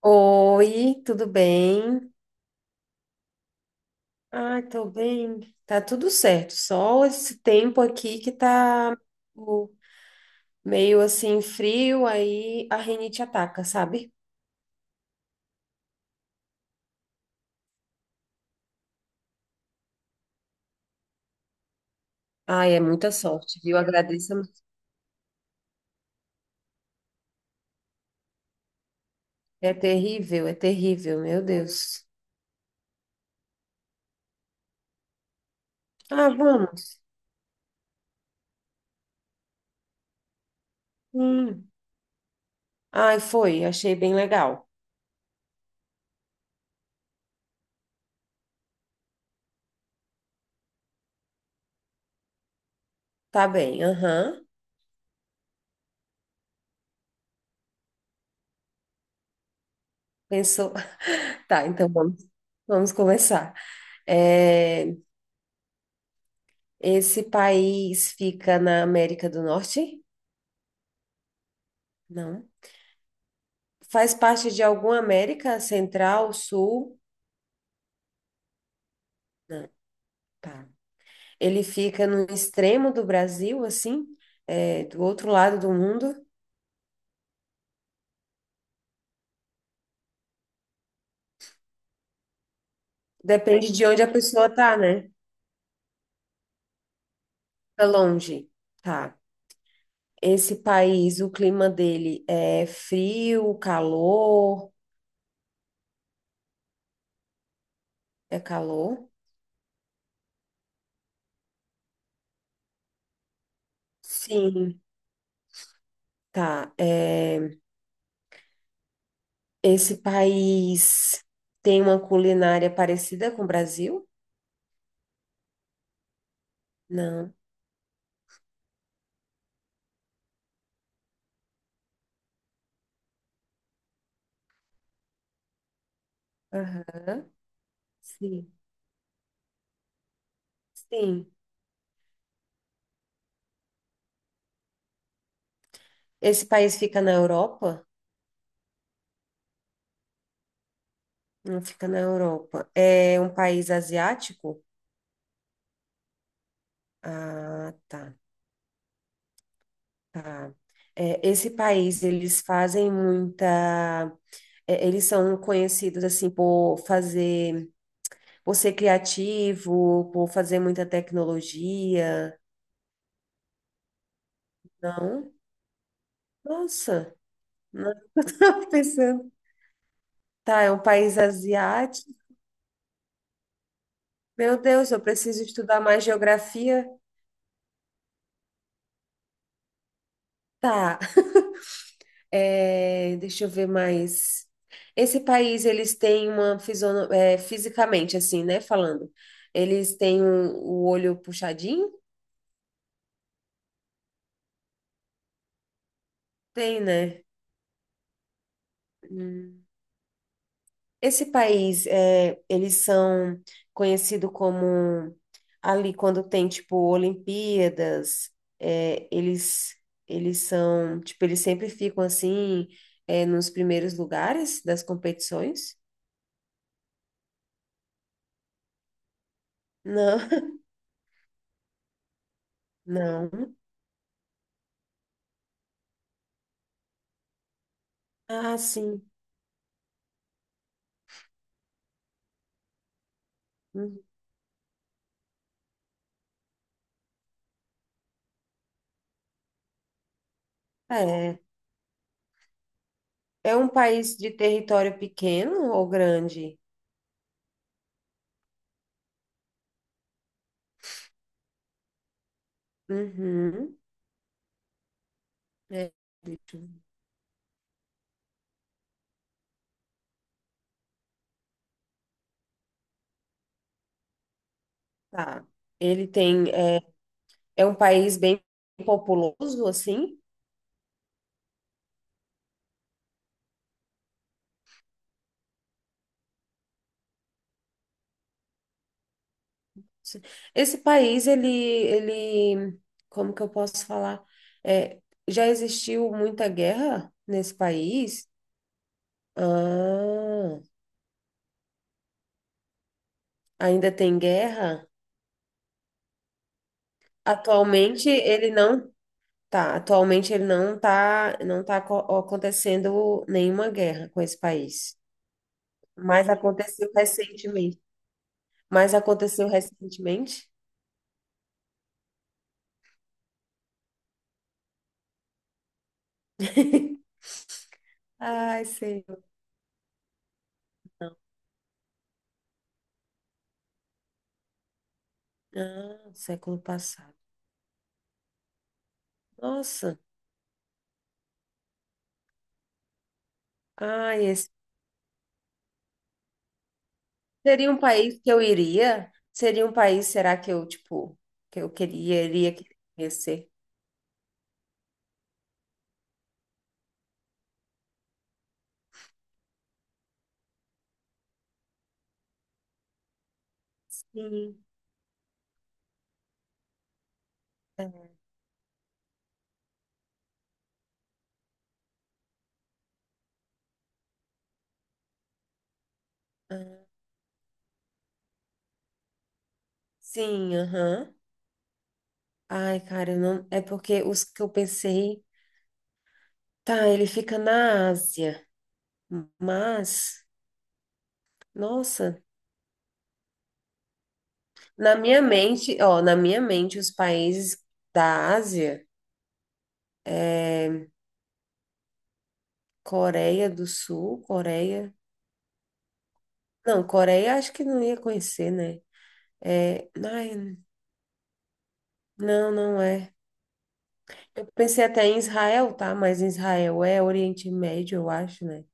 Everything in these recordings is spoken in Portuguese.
Oi, tudo bem? Ai, tô bem. Tá tudo certo. Só esse tempo aqui que tá o- meio assim frio, aí a rinite ataca, sabe? Ai, é muita sorte, viu? Agradeço. É terrível, meu Deus. Ah, vamos. Hum. Ai, foi, achei bem legal. Tá bem, aham. Pensou. Tá, então vamos, vamos começar. É, esse país fica na América do Norte? Não. Faz parte de alguma América Central, Sul? Não, tá. Ele fica no extremo do Brasil, assim, é, do outro lado do mundo. Depende de onde a pessoa tá, né? Tá longe. Tá. Esse país, o clima dele é frio, calor? É calor? Sim, tá. É, esse país tem uma culinária parecida com o Brasil? Não. Aham. Sim. Sim. Esse país fica na Europa? Não fica na Europa. É um país asiático? Ah, tá, tá. É, esse país, eles fazem muita. É, eles são conhecidos, assim, por fazer, por ser criativo, por fazer muita tecnologia. Não? Nossa, não estava pensando. Tá, é um país asiático. Meu Deus, eu preciso estudar mais geografia. Tá. É, deixa eu ver mais. Esse país, eles têm uma é, fisicamente, assim, né? Falando. Eles têm o olho puxadinho? Tem, né? Hum. Esse país, é, eles são conhecidos como ali quando tem, tipo, Olimpíadas, é, eles são, tipo, eles sempre ficam assim, é, nos primeiros lugares das competições? Não, não. Ah, sim. Hum. É. É um país de território pequeno ou grande? Uhum. É, deixa eu- tá. Ele tem, é, é um país bem populoso, assim. Esse país, ele, como que eu posso falar? É, já existiu muita guerra nesse país? Ah, ainda tem guerra? Atualmente ele não tá, atualmente ele não tá, acontecendo nenhuma guerra com esse país. Mas aconteceu recentemente. Mas aconteceu recentemente? Ai, sei não. Ah, século passado. Nossa. Ai, esse seria um país que eu iria? Seria um país, será que eu, tipo, que eu queria, iria querer conhecer? Sim. É. Ah, sim, aham. Ai, cara, eu não. É porque os que eu pensei. Tá, ele fica na Ásia, mas. Nossa. Na minha mente, ó, na minha mente, os países da Ásia é Coreia do Sul, Coreia. Não, Coreia acho que não ia conhecer, né? É, ai, não, não é. Eu pensei até em Israel, tá? Mas Israel é Oriente Médio, eu acho, né?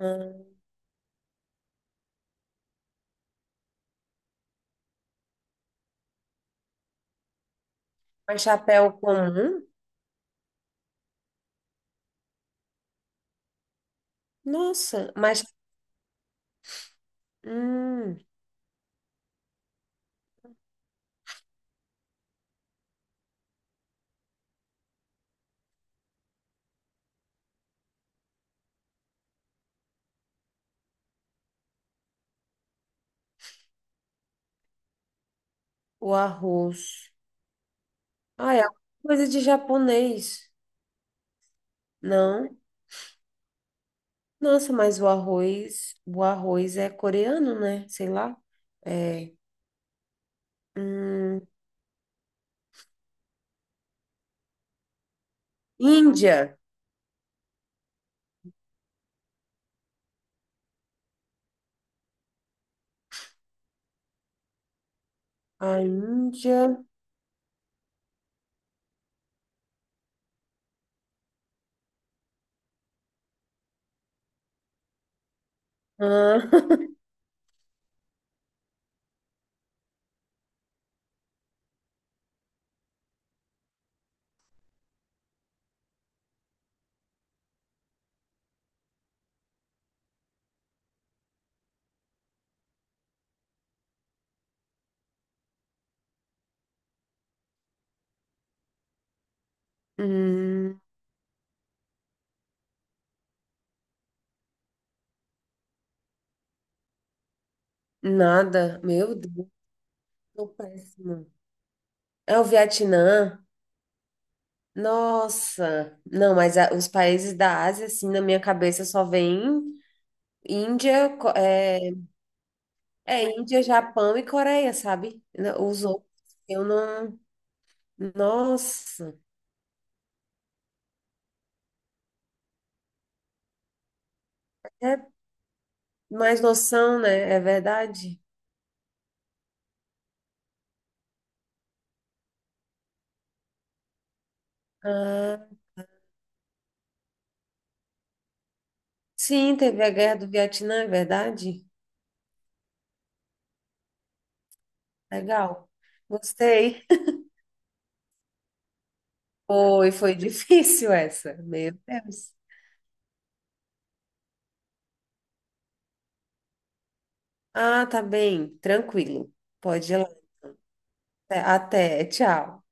Hum, mas chapéu comum? Nossa, mas hum, o arroz. Ah, é alguma coisa de japonês. Não. Nossa, mas o arroz é coreano, né? Sei lá. É. Hum, Índia. A Índia. Ah, hum, nada. Meu Deus, tô péssima. É o Vietnã. Nossa. Não, mas os países da Ásia, assim, na minha cabeça só vem Índia, é, é Índia, Japão e Coreia, sabe? Na- Os outros, eu não. Nossa. É mais noção, né? É verdade. Ah, sim, teve a Guerra do Vietnã, é verdade? Legal. Gostei. Foi, foi difícil essa. Meu Deus. Ah, tá bem. Tranquilo. Pode ir lá. Até, até, tchau.